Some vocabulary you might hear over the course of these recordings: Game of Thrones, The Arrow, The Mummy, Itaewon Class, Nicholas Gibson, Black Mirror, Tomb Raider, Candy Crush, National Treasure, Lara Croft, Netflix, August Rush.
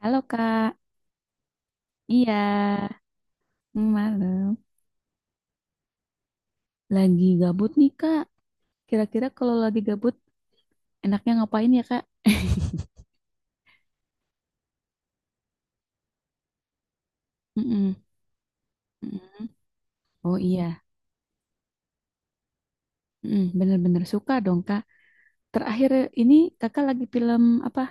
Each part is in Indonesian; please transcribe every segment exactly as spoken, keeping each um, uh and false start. Halo Kak, iya, malam. Lagi gabut nih Kak. Kira-kira kalau lagi gabut, enaknya ngapain ya Kak? Mm-mm, mm-mm. Oh iya. Mm-mm. Bener-bener suka dong Kak. Terakhir ini Kakak lagi film apa?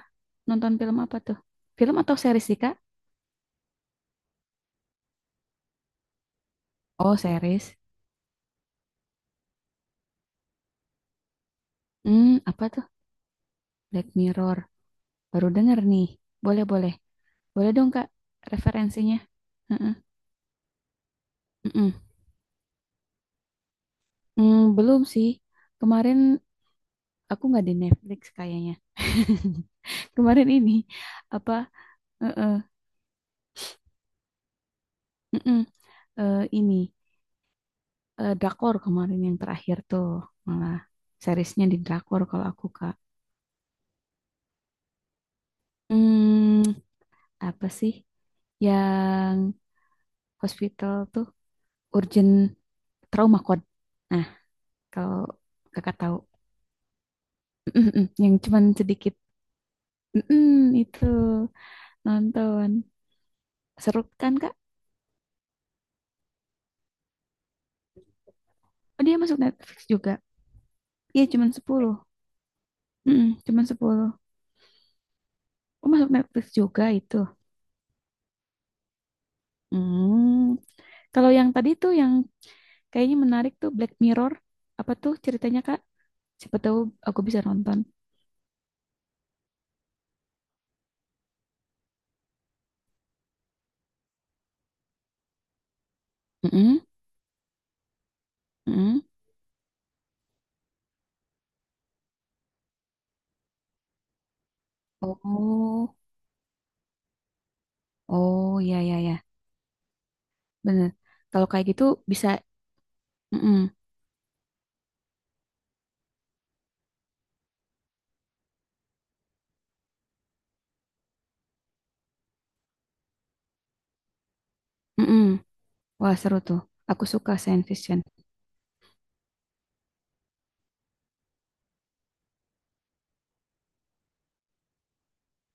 Nonton film apa tuh? Film atau series sih Kak? Oh series. Hmm, apa tuh? Black Mirror. Baru denger nih. Boleh boleh, boleh dong Kak. Referensinya. Heeh. Mm-mm. Hmm, belum sih. Kemarin aku nggak di Netflix kayaknya. Kemarin ini apa? Heeh, heeh, eh, ini eh, drakor kemarin yang terakhir tuh malah seriesnya di drakor kalau aku Kak. Hmm, apa sih yang hospital tuh urgent trauma code. Nah, kalau Kakak tahu Mm-mm, yang cuman sedikit Mm-mm, itu nonton seru kan Kak? Oh, dia masuk Netflix juga. Iya, cuman sepuluh Mm-mm, cuman sepuluh. Oh, masuk Netflix juga itu. Hmm. Kalau yang tadi tuh yang kayaknya menarik tuh Black Mirror, apa tuh ceritanya Kak? Siapa tahu aku bisa nonton. Mm-mm, mm-mm. Oh, oh ya ya ya, bener. Kalau kayak gitu bisa, mm-mm, mm-mm. Wah seru tuh. Aku suka science fiction.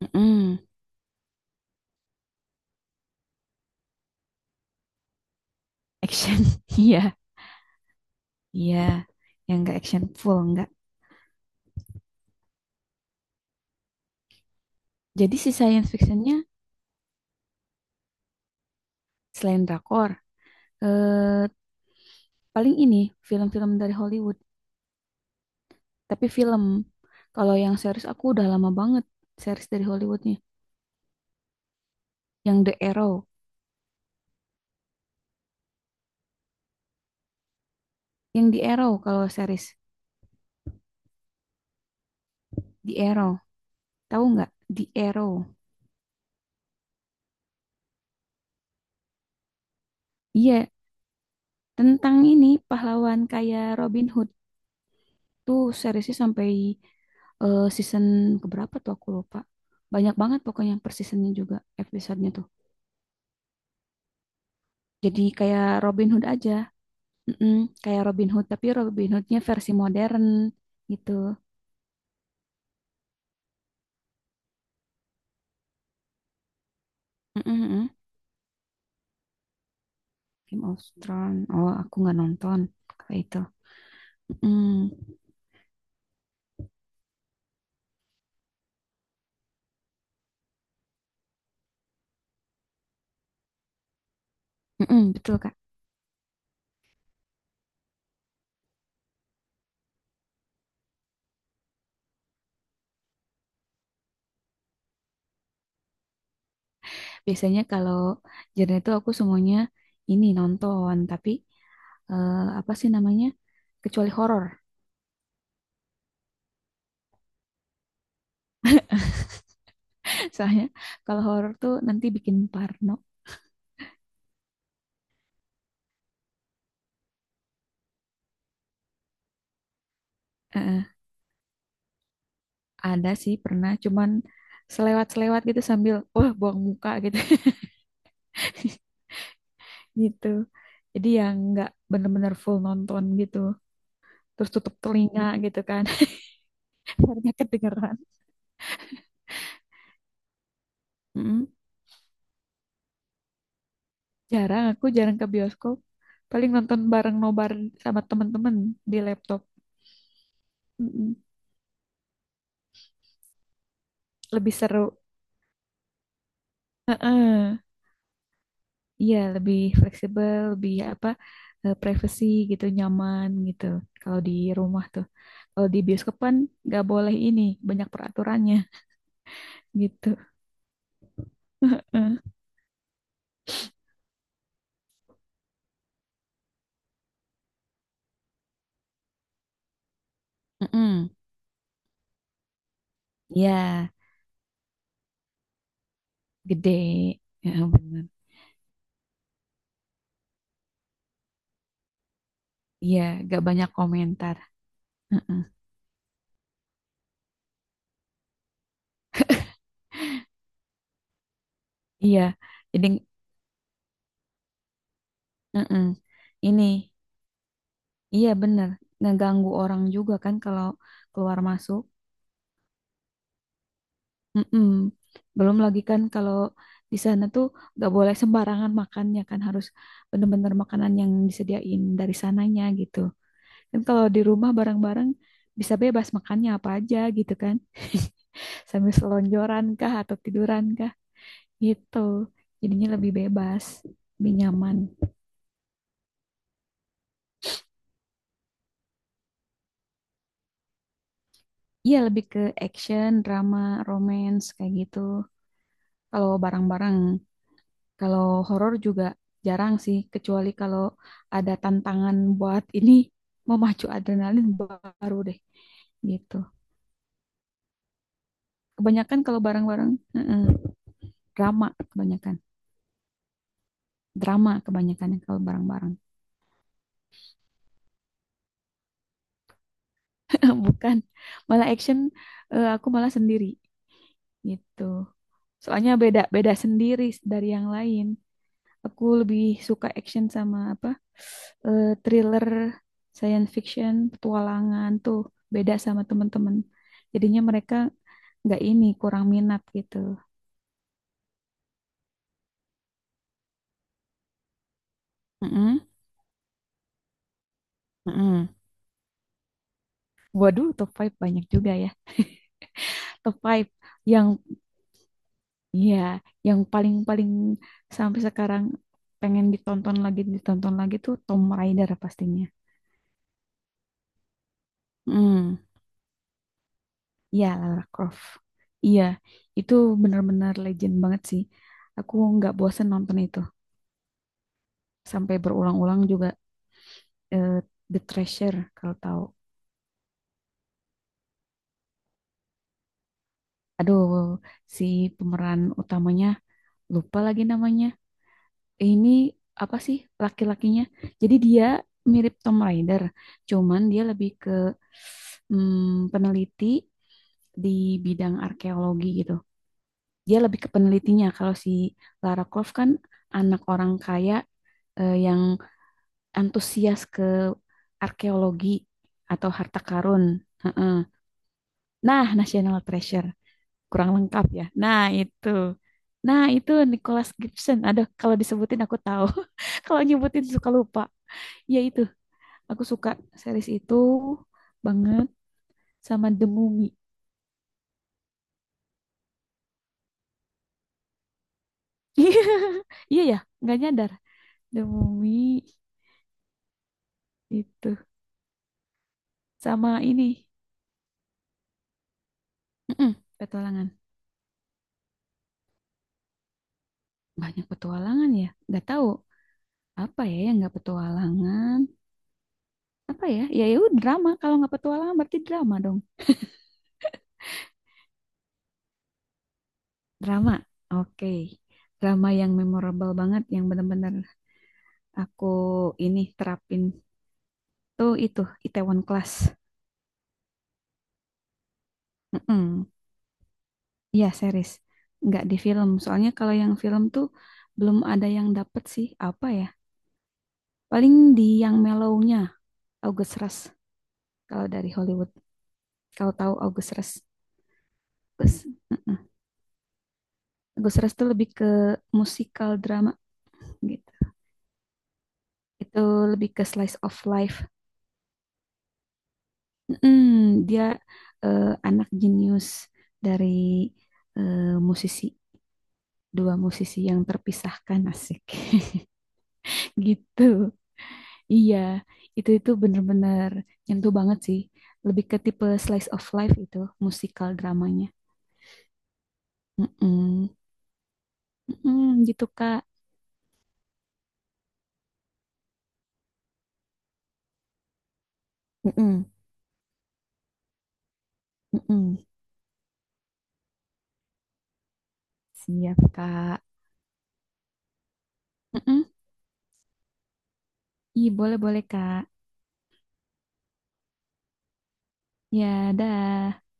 Mm-mm. Action, iya, iya. Yang nggak action full nggak. Jadi si science fictionnya selain drakor, eh, paling ini film-film dari Hollywood. Tapi film. Kalau yang series aku udah lama banget series dari Hollywoodnya. Yang The Arrow, yang The Arrow kalau series The Arrow, tahu nggak? The Arrow. Iya, tentang ini pahlawan kayak Robin Hood tuh seriesnya sampai eh, season keberapa tuh aku lupa. Banyak banget pokoknya per seasonnya juga episodenya tuh. Jadi kayak Robin Hood aja, Mm-mm, kayak Robin Hood tapi Robin Hoodnya versi modern gitu. Mm-mm, mm-mm. Game of Thrones. Oh, aku nggak nonton kayak itu. Mm, mm-mm, betul Kak. Biasanya kalau genre itu aku semuanya ini nonton, tapi eh, apa sih namanya? Kecuali horor. Soalnya kalau horor tuh nanti bikin parno. Eh, ada sih pernah, cuman selewat-selewat gitu sambil wah buang muka gitu gitu. Jadi yang nggak bener-bener full nonton gitu. Terus tutup telinga gitu kan, karena kedengeran. Mm-mm. Jarang, aku jarang ke bioskop. Paling nonton bareng nobar sama temen-temen di laptop. Mm-mm. Lebih seru. Heeh. Iya, lebih fleksibel, lebih apa, eh, privacy gitu, nyaman gitu. Kalau di rumah tuh. Kalau di bioskop kan nggak boleh ini, banyak peraturannya gitu. Heeh. Mm-mm. Iya, gede. Ya bener. Iya, nggak banyak komentar. Heeh. Iya, jadi heeh. Ini. Iya bener, ngeganggu orang juga kan kalau keluar masuk. Mm-mm. Belum lagi kan kalau di sana tuh gak boleh sembarangan makannya kan harus bener-bener makanan yang disediain dari sananya gitu. Kan kalau di rumah bareng-bareng bisa bebas makannya apa aja gitu kan. Sambil selonjoran kah atau tiduran kah gitu. Jadinya lebih bebas, lebih nyaman. Iya lebih ke action, drama, romance kayak gitu. Kalau bareng-bareng kalau horor juga jarang sih, kecuali kalau ada tantangan buat ini memacu adrenalin baru deh gitu. Kebanyakan kalau barang-barang heeh, drama kebanyakan, drama kebanyakan yang kalau barang-barang. Bukan, malah action eh, aku malah sendiri gitu. Soalnya beda beda sendiri dari yang lain. Aku lebih suka action sama apa? eh, thriller, science fiction, petualangan tuh beda sama teman-teman. Jadinya mereka nggak ini kurang minat gitu. Mm-mm, mm-mm. Waduh, top five banyak juga ya. Top five yang ya yang paling-paling sampai sekarang pengen ditonton lagi ditonton lagi tuh Tom Raider pastinya. Mm. Iya, Lara Croft. Iya, itu benar-benar legend banget sih. Aku nggak bosen nonton itu. Sampai berulang-ulang juga eh, The Treasure, kalau tahu. Aduh, si pemeran utamanya, lupa lagi namanya. Eh, Ini apa sih laki-lakinya? Jadi dia mirip Tom Raider, cuman dia lebih ke mm, peneliti di bidang arkeologi gitu. Dia lebih ke penelitinya. Kalau si Lara Croft kan anak orang kaya eh, yang antusias ke arkeologi atau harta karun. Heeh. Nah, National Treasure kurang lengkap ya. Nah, itu. Nah, itu Nicholas Gibson. Aduh, kalau disebutin aku tahu. Kalau nyebutin suka lupa. Ya itu, aku suka series itu banget sama The Mummy. Iya ya, nggak nyadar. The Mummy itu sama ini. Mm-mm, petualangan. Banyak petualangan ya. Nggak tahu apa ya yang nggak petualangan. Apa ya? Ya itu drama. Kalau nggak petualangan berarti drama dong. Drama. Oke. Drama yang memorable banget yang benar-benar aku ini terapin tuh itu Itaewon Class. Mm-mm. Iya, series. Nggak di film. Soalnya kalau yang film tuh belum ada yang dapet sih. Apa ya? Paling di yang mellow-nya August Rush kalau dari Hollywood. Kalau tahu August Rush. August, mm-mm. August Rush tuh lebih ke musikal drama gitu. Itu lebih ke slice of life Mm, dia eh, anak jenius dari eh, musisi dua musisi yang terpisahkan asik gitu. Iya, itu itu bener-bener nyentuh banget sih. Lebih ke tipe slice of life itu musikal dramanya. Mm-mm. Mm-mm, gitu Kak. Mm-mm. Mm-mm. Siap Kak. Mm-mm. Ih, boleh-boleh Kak. Ya, dah.